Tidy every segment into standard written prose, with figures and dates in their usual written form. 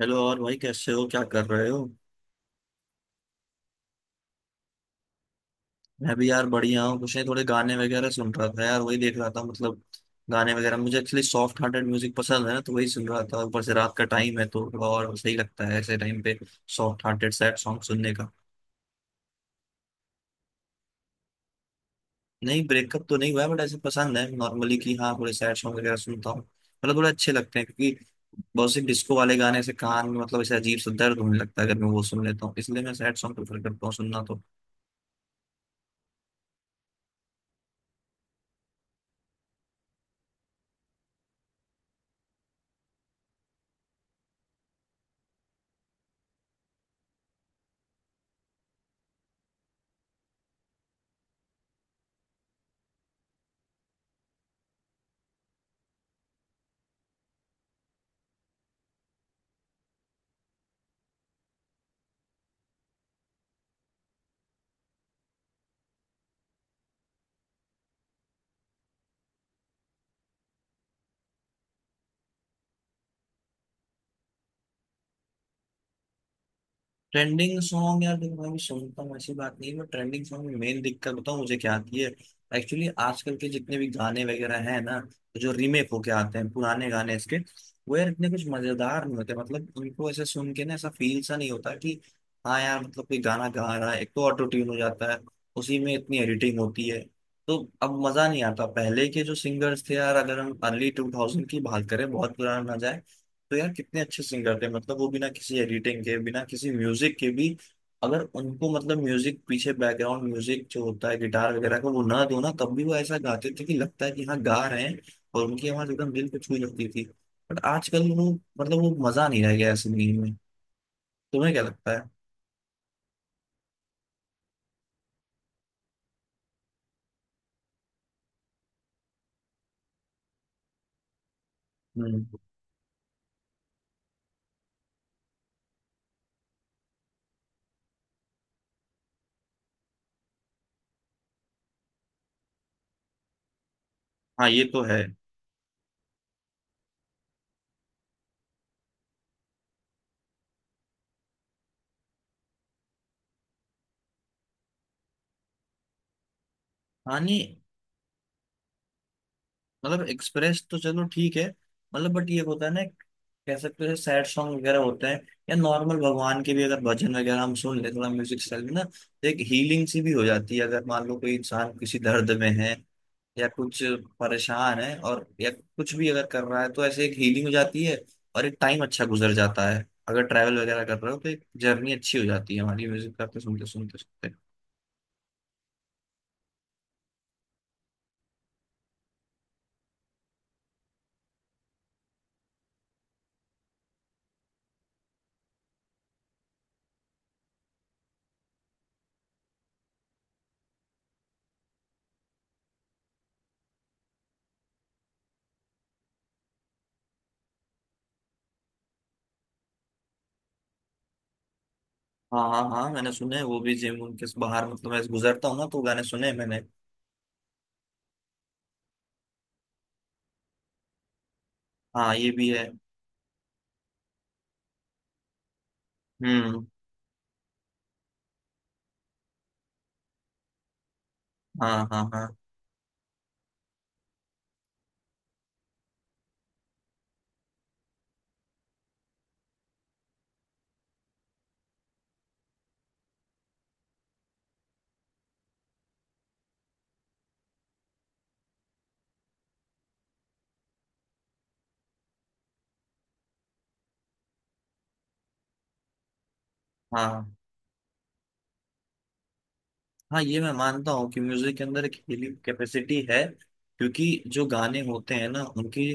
Hello. और भाई कैसे हो, क्या कर रहे हो? मैं भी यार बढ़िया हूँ। कुछ नहीं, थोड़े गाने वगैरह सुन रहा था यार। वही देख रहा था। गाने वगैरह मुझे एक्चुअली सॉफ्ट हार्टेड म्यूजिक पसंद है ना, तो वही सुन रहा था। ऊपर से रात का टाइम है तो थोड़ा और सही लगता है ऐसे टाइम पे सॉफ्ट हार्टेड सैड सॉन्ग सुनने का। नहीं, ब्रेकअप तो नहीं हुआ है, बट ऐसे पसंद है नॉर्मली। कि हाँ, थोड़े सैड सॉन्ग वगैरह सुनता हूँ। थोड़े अच्छे लगते हैं क्योंकि बहुत से डिस्को वाले गाने से कान में ऐसे अजीब सा दर्द होने लगता है अगर मैं वो सुन लेता हूँ। इसलिए मैं सैड सॉन्ग प्रेफर करता हूँ सुनना तो। ट्रेंडिंग सॉन्ग यार देखो मैं भी सुनता हूँ, ऐसी बात नहीं है। बट ट्रेंडिंग सॉन्ग में मेन दिक्कत बताऊँ मुझे क्या आती है? एक्चुअली आजकल के जितने भी गाने वगैरह हैं ना, जो रीमेक होके आते हैं पुराने गाने इसके, वो यार इतने कुछ मजेदार नहीं होते। उनको ऐसे सुन के ना ऐसा फील सा नहीं होता कि हाँ यार कोई गाना गा रहा है। एक तो ऑटो ट्यून हो जाता है, उसी में इतनी एडिटिंग होती है, तो अब मजा नहीं आता। पहले के जो सिंगर्स थे यार, अगर हम अर्ली टू थाउजेंड की बात करें, बहुत पुराना ना जाए, तो यार कितने अच्छे सिंगर थे। वो बिना किसी एडिटिंग के, बिना किसी म्यूजिक के भी, अगर उनको म्यूजिक पीछे बैकग्राउंड म्यूजिक जो होता है गिटार वगैरह का, वो ना दो ना, तब भी वो ऐसा गाते थे कि लगता है कि हाँ गा रहे हैं। और उनकी आवाज एकदम दिल को छू जाती थी। बट आजकल वो वो मजा नहीं रह गया है सिंगिंग में। तुम्हें क्या लगता है? हम्म। हाँ ये तो है। हाँ, नहीं, एक्सप्रेस तो चलो ठीक है। बट ये होता है ना, कह सकते हो सैड सॉन्ग वगैरह होते हैं, या नॉर्मल भगवान के भी अगर भजन वगैरह हम सुन ले थोड़ा म्यूजिक स्टाइल में ना, तो एक हीलिंग सी भी हो जाती है अगर मान लो कोई इंसान किसी दर्द में है या कुछ परेशान है और या कुछ भी अगर कर रहा है तो ऐसे एक हीलिंग हो जाती है और एक टाइम अच्छा गुजर जाता है। अगर ट्रैवल वगैरह कर रहे हो तो एक जर्नी अच्छी हो जाती है हमारी म्यूजिक आपके सुनते सुनते सुनते। हाँ हाँ हाँ, मैंने सुने हैं, वो भी जिम उनके बाहर मैं गुजरता हूँ ना तो गाने सुने हैं मैंने। हाँ ये भी है। हम्म। हाँ हाँ हाँ। हाँ, हाँ ये मैं मानता हूँ कि म्यूजिक के अंदर एक हीलिंग कैपेसिटी है। क्योंकि जो गाने होते हैं ना उनकी,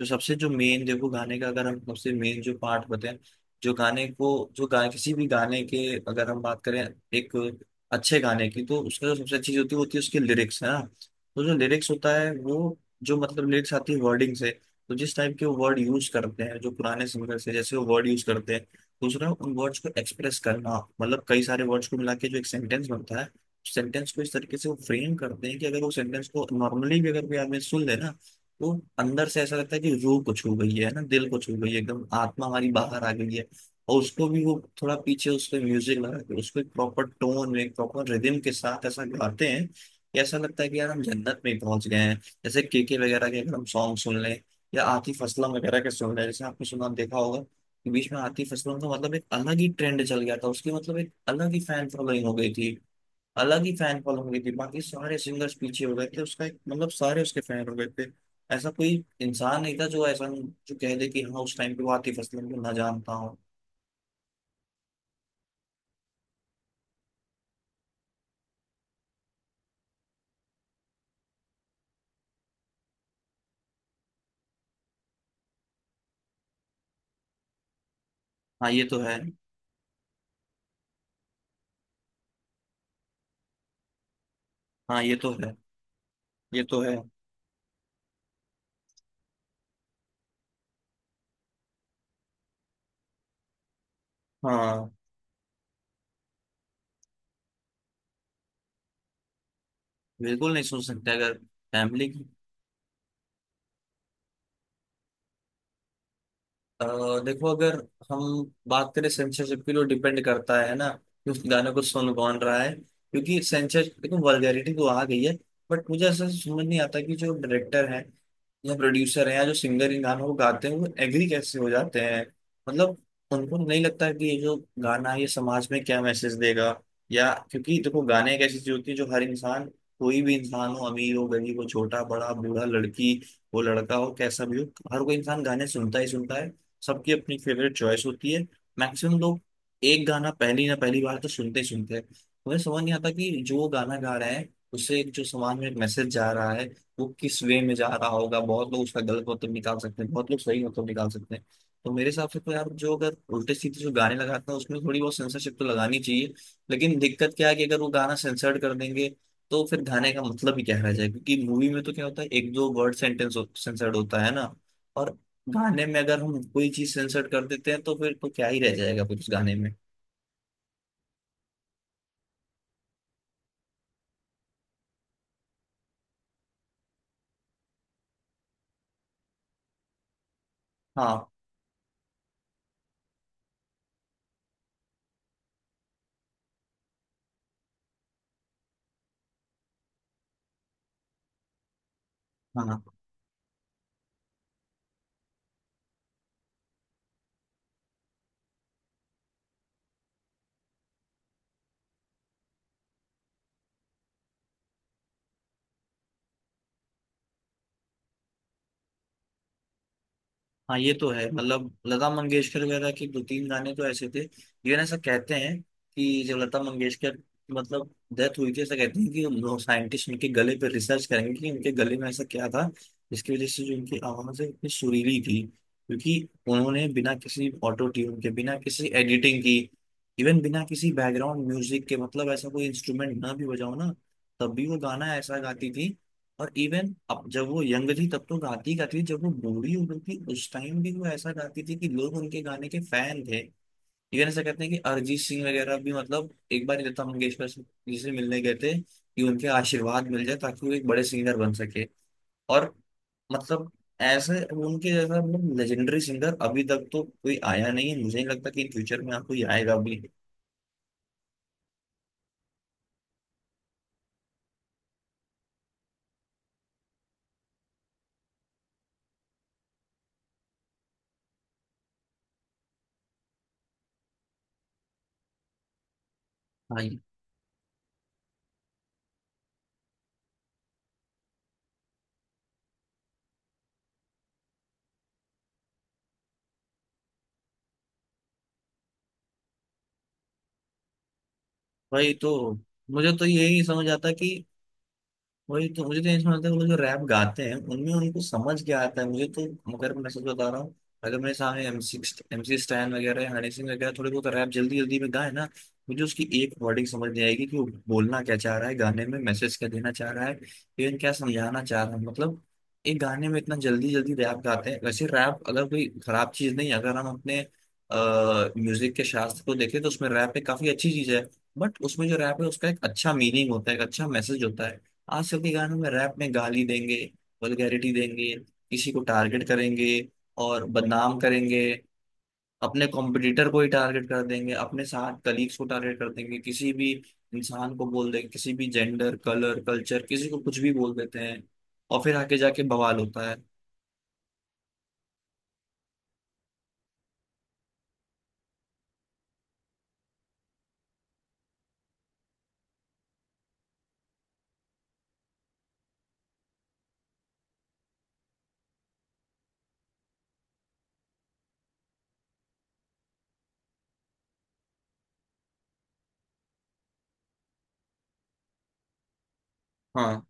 जो सबसे जो मेन देखो गाने का अगर हम सबसे मेन जो पार्ट बताएं, जो गाने को जो गा किसी भी गाने के अगर हम बात करें, एक अच्छे गाने की, तो उसका जो सबसे अच्छी चीज होती है उसकी लिरिक्स है ना। तो जो लिरिक्स होता है, वो जो लिरिक्स आती है वर्डिंग से। तो जिस टाइप के वो वर्ड यूज करते हैं जो पुराने सिंगर्स है, जैसे वो वर्ड यूज करते हैं, दूसरा उन वर्ड्स को एक्सप्रेस करना, कई सारे वर्ड्स को मिला के जो एक सेंटेंस बनता है, सेंटेंस को इस तरीके से वो फ्रेम करते हैं कि अगर वो सेंटेंस को नॉर्मली भी अगर कोई आदमी सुन ले ना, तो अंदर से ऐसा लगता है कि रूह को छू गई है ना, दिल को छू गई है, एकदम आत्मा हमारी बाहर आ गई है। और उसको भी वो थोड़ा पीछे उसके म्यूजिक लगा के, उसको एक प्रॉपर टोन में प्रॉपर रिदम के साथ ऐसा गाते हैं कि ऐसा लगता है कि यार हम जन्नत में ही पहुंच गए हैं। जैसे केके वगैरह के अगर हम सॉन्ग सुन लें, या आतिफ असलम वगैरह के सुन लें, जैसे आपने सुना देखा होगा कि बीच में आतिफ असलम का एक अलग ही ट्रेंड चल गया था, उसकी एक अलग ही फैन फॉलोइंग हो गई थी। अलग ही फैन फॉलोइंग हो गई थी, बाकी सारे सिंगर्स पीछे हो गए थे, उसका एक सारे उसके फैन हो गए थे। ऐसा कोई इंसान नहीं था जो ऐसा, जो कह दे कि हाँ उस टाइम पे वो आतिफ असलम को ना जानता हूँ। हाँ ये तो है। हाँ ये तो है। ये तो है। हाँ बिल्कुल नहीं सोच सकते। अगर फैमिली की अ, देखो, अगर हम बात करें सेंसरशिप की, तो डिपेंड करता है ना कि उस गाने को सुन कौन रहा है। क्योंकि सेंसर देखो, वल्गैरिटी तो आ गई है। बट मुझे ऐसा समझ नहीं आता कि जो डायरेक्टर है या प्रोड्यूसर हैं या जो सिंगर इन गानों को गाते हैं वो एग्री कैसे हो जाते हैं। मतलब उनको नहीं लगता कि ये जो गाना है ये समाज में क्या मैसेज देगा? या क्योंकि देखो, गाने एक ऐसी चीज होती है जो हर इंसान, कोई भी इंसान हो, अमीर हो गरीब हो छोटा बड़ा बूढ़ा, लड़की हो लड़का हो, कैसा भी हो, हर कोई इंसान गाने सुनता ही सुनता है। सबकी अपनी फेवरेट चॉइस होती है। मैक्सिमम लोग एक गाना पहली ना पहली बार तो सुनते ही सुनते हैं। मुझे समझ नहीं आता कि जो गाना गा रहे हैं उससे जो समाज में एक मैसेज जा रहा है वो किस वे में जा रहा होगा। बहुत लोग उसका गलत मतलब निकाल सकते हैं, बहुत लोग सही मतलब निकाल सकते हैं। तो मेरे हिसाब से तो यार जो अगर उल्टे सीधे जो गाने लगाते हैं उसमें थोड़ी बहुत सेंसरशिप तो लगानी चाहिए। लेकिन दिक्कत क्या है कि अगर वो गाना सेंसर्ड कर देंगे तो फिर गाने का मतलब ही क्या रह जाएगा? क्योंकि मूवी में तो क्या होता है, एक दो वर्ड सेंटेंस सेंसर्ड होता है ना, और गाने में अगर हम कोई चीज सेंसर्ड कर देते हैं तो फिर तो क्या ही रह जाएगा फिर उस गाने में। हाँ हाँ हाँ ये तो है। लता मंगेशकर वगैरह के दो तीन गाने तो ऐसे थे। इवन ऐसा कहते हैं कि जब लता मंगेशकर मतलब डेथ हुई थी, ऐसा कहते हैं कि लोग साइंटिस्ट उनके गले पर रिसर्च करेंगे कि उनके गले में ऐसा क्या था जिसकी वजह से जो उनकी आवाज है इतनी सुरीली थी। क्योंकि उन्होंने बिना किसी ऑटो ट्यून के, बिना किसी एडिटिंग की, इवन बिना किसी बैकग्राउंड म्यूजिक के, ऐसा कोई इंस्ट्रूमेंट ना भी बजाओ ना, तब भी वो गाना ऐसा गाती थी। और इवन अब, जब वो यंग थी तब तो गाती गाती थी, जब वो बूढ़ी हो गई थी उस टाइम भी वो ऐसा गाती थी कि लोग उनके गाने के फैन थे। इवन ऐसा कहते हैं कि अरिजीत सिंह वगैरह भी एक बार जी से मिलने गए थे कि उनके आशीर्वाद मिल जाए ताकि वो एक बड़े सिंगर बन सके। और मतलब ऐसे उनके जैसा लेजेंडरी सिंगर अभी तक तो कोई आया नहीं है, मुझे नहीं लगता कि इन फ्यूचर में आपको कोई आएगा भी। भाई। भाई तो मुझे तो यही नहीं समझ आता कि, वही तो मुझे तो ये समझता है वो लोग जो रैप गाते हैं उनमें उनको समझ क्या आता है मुझे तो। अगर मैं सच बता रहा हूँ, अगर मेरे सामने एम सी स्टैन वगैरह या हनी सिंह वगैरह थोड़े बहुत रैप जल्दी जल्दी में गाए ना, मुझे उसकी एक वर्डिंग समझ नहीं आएगी कि वो बोलना क्या चाह रहा है, गाने में मैसेज क्या देना चाह रहा है, इवन क्या समझाना चाह रहा है। एक गाने में इतना जल्दी जल्दी रैप गाते हैं। वैसे रैप अगर कोई खराब चीज नहीं है, अगर हम अपने म्यूजिक के शास्त्र को देखें तो उसमें रैप एक काफी अच्छी चीज है। बट उसमें जो रैप है उसका एक अच्छा मीनिंग होता है, एक अच्छा मैसेज होता है। आजकल के गानों में रैप में गाली देंगे, वल्गैरिटी देंगे, किसी को टारगेट करेंगे और बदनाम करेंगे, अपने कॉम्पिटिटर को ही टारगेट कर देंगे, अपने साथ कलीग्स को टारगेट कर देंगे, किसी भी इंसान को बोल देंगे, किसी भी जेंडर कलर कल्चर किसी को कुछ भी बोल देते हैं और फिर आके जाके बवाल होता है। हाँ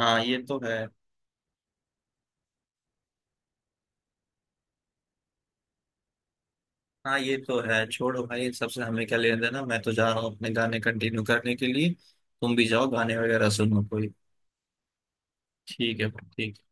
हाँ ये तो है। हाँ ये तो है, छोड़ो भाई, सबसे हमें क्या लेना देना। मैं तो जा रहा हूँ अपने गाने कंटिन्यू करने के लिए। तुम भी जाओ, गाने वगैरह सुनो कोई। ठीक है ठीक।